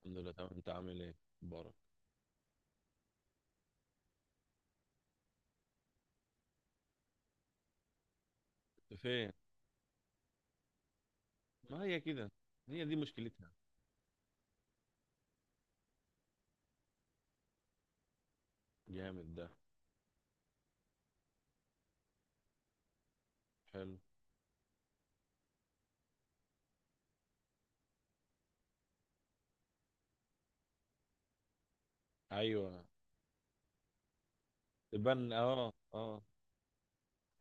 الحمد لله، تمام. انت عامل ايه؟ مبارك. انت فين؟ ما هي كده. هي دي مشكلتها. جامد ده. حلو. ايوه، تبان. اه، اه.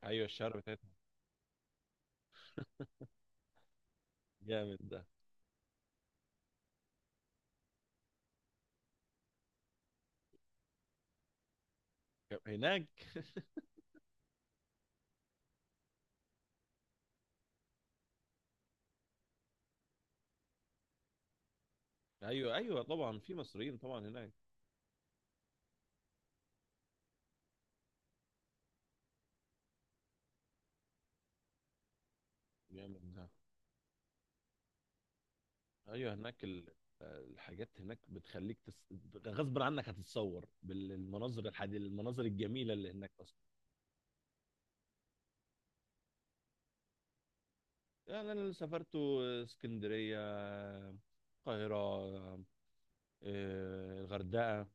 ايوه، الشعر بتاعتها. جامد ده. هناك. ايوه، ايوه، طبعا في مصريين طبعا هناك. جامد ده. ايوه، هناك الحاجات هناك بتخليك غصب عنك هتتصور بالمناظر المناظر الجميله اللي هناك اصلا. يعني انا اللي سافرت اسكندريه، القاهره، الغردقه.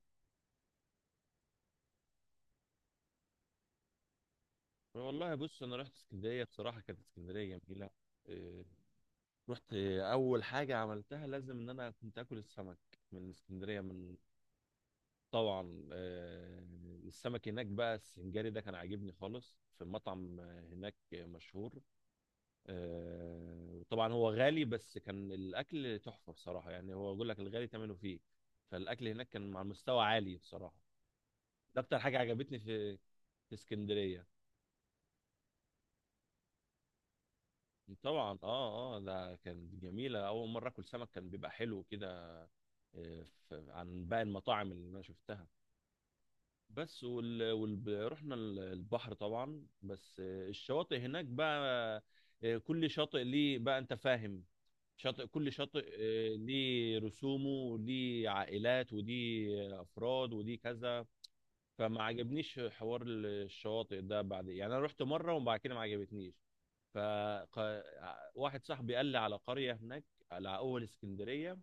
والله بص، انا رحت اسكندريه بصراحه، كانت اسكندريه جميله. إيه، رحت اول حاجه عملتها لازم ان انا كنت اكل السمك من اسكندريه، من. طبعا. السمك هناك بقى السنجاري ده كان عاجبني خالص في مطعم هناك مشهور. وطبعا هو غالي، بس كان الاكل تحفه بصراحه، يعني هو بقول لك الغالي ثمنه فيه. فالاكل هناك كان على مستوى عالي بصراحه. ده اكتر حاجه عجبتني في اسكندريه. طبعا. اه، اه. ده كانت جميله، اول مره اكل سمك كان بيبقى حلو كده. عن باقي المطاعم اللي انا شفتها. بس، رحنا البحر طبعا، بس الشواطئ هناك بقى. كل شاطئ ليه بقى، انت فاهم، شاطئ، كل شاطئ ليه رسومه وليه عائلات ودي افراد ودي كذا. فما عجبنيش حوار الشواطئ ده بعد، يعني انا رحت مره وبعد كده ما عجبتنيش. فواحد صاحبي قال لي على قرية هناك على أول اسكندرية.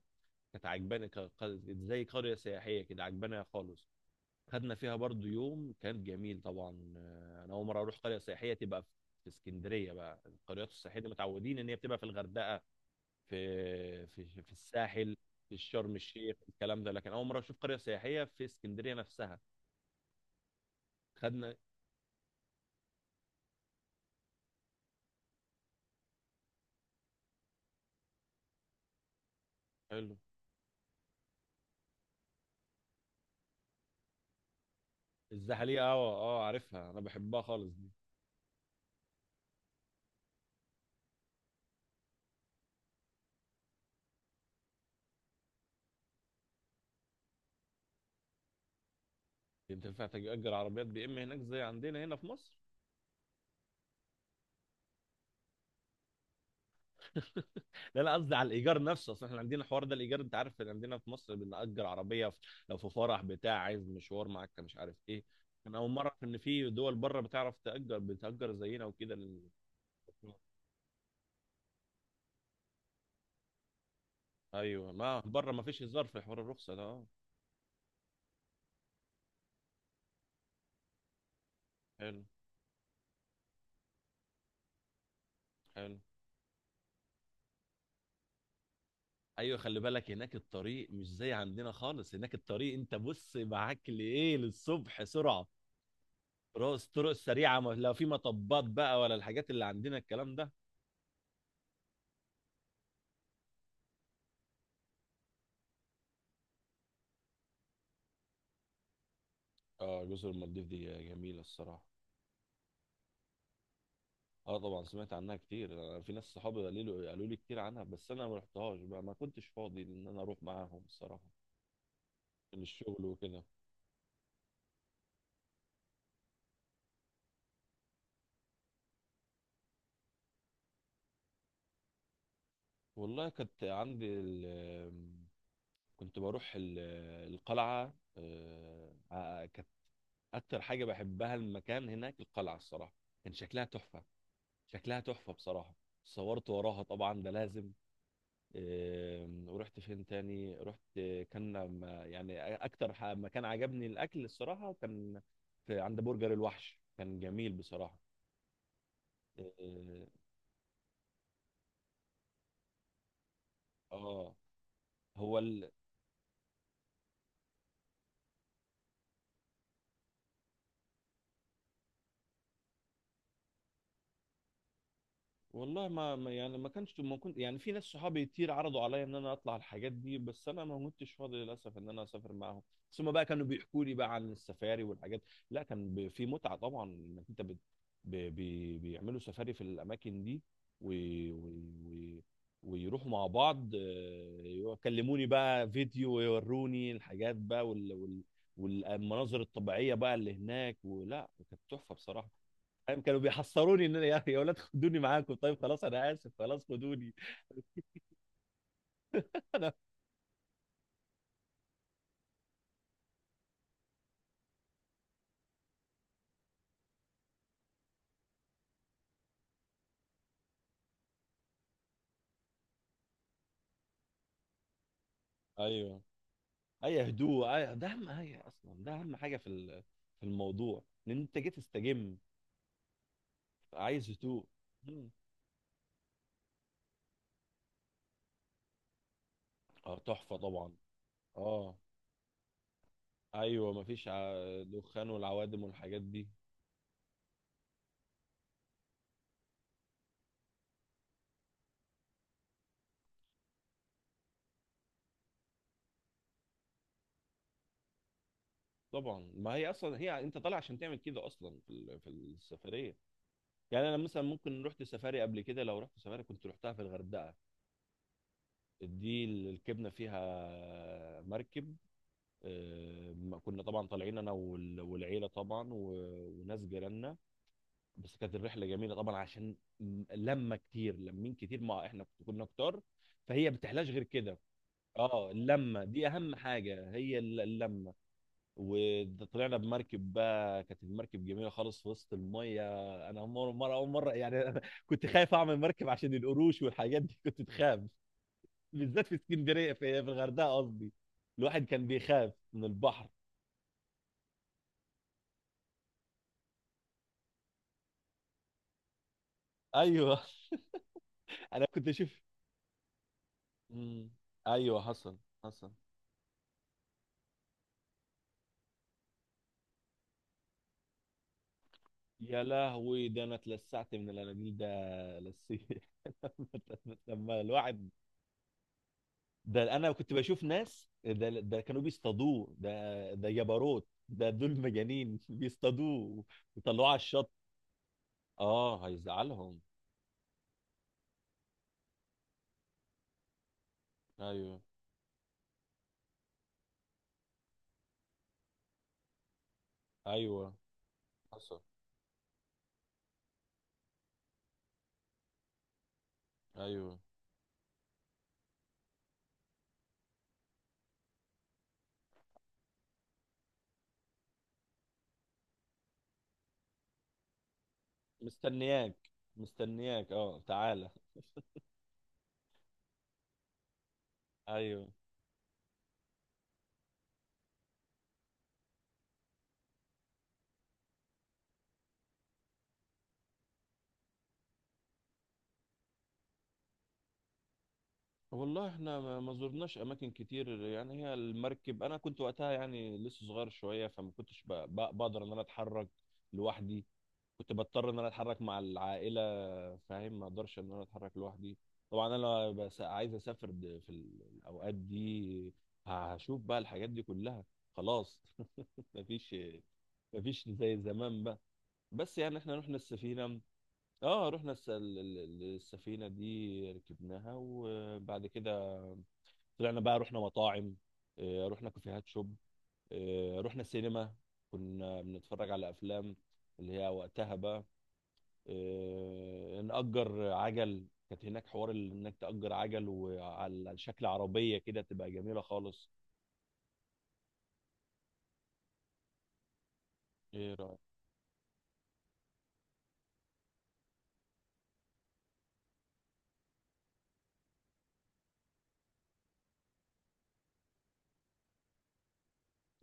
كانت عجباني، زي قرية سياحية كده، عجباني خالص. خدنا فيها برضو يوم كان جميل طبعا. أنا أول مرة أروح قرية سياحية تبقى في اسكندرية بقى. القريات السياحية دي متعودين إن هي بتبقى في الغردقة، في الساحل، في شرم الشيخ الكلام ده، لكن أول مرة أشوف قرية سياحية في اسكندرية نفسها. خدنا. حلو. الزحلية، اه، اه، عارفها انا، بحبها خالص. انت ينفع تأجر عربيات BM هناك زي عندنا هنا في مصر؟ لا، لا، قصدي على الايجار نفسه، اصل احنا عندنا الحوار ده، الايجار. انت عارف ان عندنا في مصر بنأجر عربيه لو في فرح بتاع عايز مشوار معاك مش عارف ايه. انا اول مره اعرف ان في دول بره بتعرف تأجر بتأجر زينا وكده ايوه، ما بره ما فيش هزار في حوار الرخصه ده، اه. حلو. حلو. ايوه، خلي بالك، هناك الطريق مش زي عندنا خالص. هناك الطريق انت بص معاك لايه للصبح سرعه. طرق، الطرق السريعه لا في مطبات بقى ولا الحاجات اللي عندنا الكلام ده. اه، جزر المالديف دي جميلة الصراحة. اه، طبعا سمعت عنها كتير. أنا في ناس صحابي قالوا لي كتير عنها، بس انا ما رحتهاش بقى، ما كنتش فاضي ان انا اروح معاهم الصراحة. من الشغل وكده. والله كنت عندي كنت بروح القلعة. كانت اكتر حاجة بحبها المكان هناك القلعة الصراحة. كان شكلها تحفة. شكلها تحفة بصراحة. صورت وراها طبعا، ده لازم. ورحت فين تاني؟ رحت. كان يعني اكتر مكان عجبني الاكل الصراحه كان في عند برجر الوحش، كان جميل بصراحه. اه. آه، هو والله يعني ما كانش، ما كنت يعني، في ناس صحابي كتير عرضوا عليا ان انا اطلع الحاجات دي، بس انا ما كنتش فاضي للاسف ان انا اسافر معاهم. ثم بقى كانوا بيحكوا لي بقى عن السفاري والحاجات. لا، كان في متعة طبعا انك انت بيعملوا سفاري في الاماكن دي و... و... و... ويروحوا مع بعض، يكلموني بقى فيديو ويوروني الحاجات بقى والمناظر الطبيعية بقى اللي هناك، ولا كانت تحفة بصراحة. فاهم، كانوا بيحصروني ان انا، يا اخي يا اولاد خدوني معاكم، طيب خلاص انا اسف خلاص خدوني. انا، ايوه. اي هدوء، ده اهم حاجه اصلا، ده اهم حاجه في في الموضوع، ان انت جيت تستجم، عايز هدوء. مم. اه، تحفه طبعا. اه. ايوه مفيش دخان والعوادم والحاجات دي. طبعا، ما هي اصلا هي انت طالع عشان تعمل كده اصلا في السفريه. يعني انا مثلا ممكن رحت سفاري قبل كده، لو رحت سفاري كنت رحتها في الغردقه. دي الكبنه فيها مركب. كنا طبعا طالعين، انا والعيله طبعا وناس جيراننا. بس كانت الرحله جميله طبعا عشان لما كتير لمين كتير، ما احنا كنا كتار. فهي بتحلاش غير كده. اه، اللمه دي اهم حاجه، هي اللمه. وطلعنا بمركب بقى، كانت المركب جميله خالص في وسط الميه. انا مره مره اول مره يعني. أنا كنت خايف اعمل مركب عشان القروش والحاجات دي، كنت بخاف. بالذات في اسكندريه، في الغردقه قصدي. الواحد كان بيخاف من البحر. ايوه. انا كنت اشوف. مم. ايوه، حصل. حصل. يا لهوي، ده انا اتلسعت من الاناديل ده لسيه. لما الواحد. ده انا كنت بشوف ناس، ده ده كانوا بيصطادوه، ده ده جبروت، ده دول مجانين. بيصطادوه وطلعوه على الشط. اه، هيزعلهم. ايوه، ايوه حصل. ايوه، مستنياك، مستنياك، اه تعالى. ايوه. والله احنا ما زرناش اماكن كتير، يعني هي المركب انا كنت وقتها يعني لسه صغير شويه، فما كنتش بقدر ان انا اتحرك لوحدي. كنت بضطر ان انا اتحرك مع العائله. فاهم، ما اقدرش ان انا اتحرك لوحدي. طبعا انا بس عايز اسافر في الاوقات دي، هشوف بقى الحاجات دي كلها خلاص. مفيش مفيش زي زمان بقى. بس يعني احنا رحنا السفينه. اه، رحنا السفينه دي ركبناها، وبعد كده طلعنا بقى، رحنا مطاعم، رحنا كافيهات شوب، رحنا سينما، كنا بنتفرج على افلام اللي هي وقتها بقى. نأجر عجل، كانت هناك حوار انك تأجر عجل وعلى شكل عربية كده، تبقى جميلة خالص. ايه رأيك؟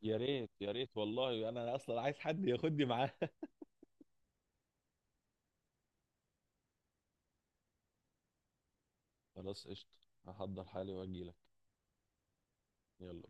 يا ريت، يا ريت والله، انا اصلا عايز حد ياخدني معاه. خلاص، قشطة. هحضر حالي واجيلك. يلا.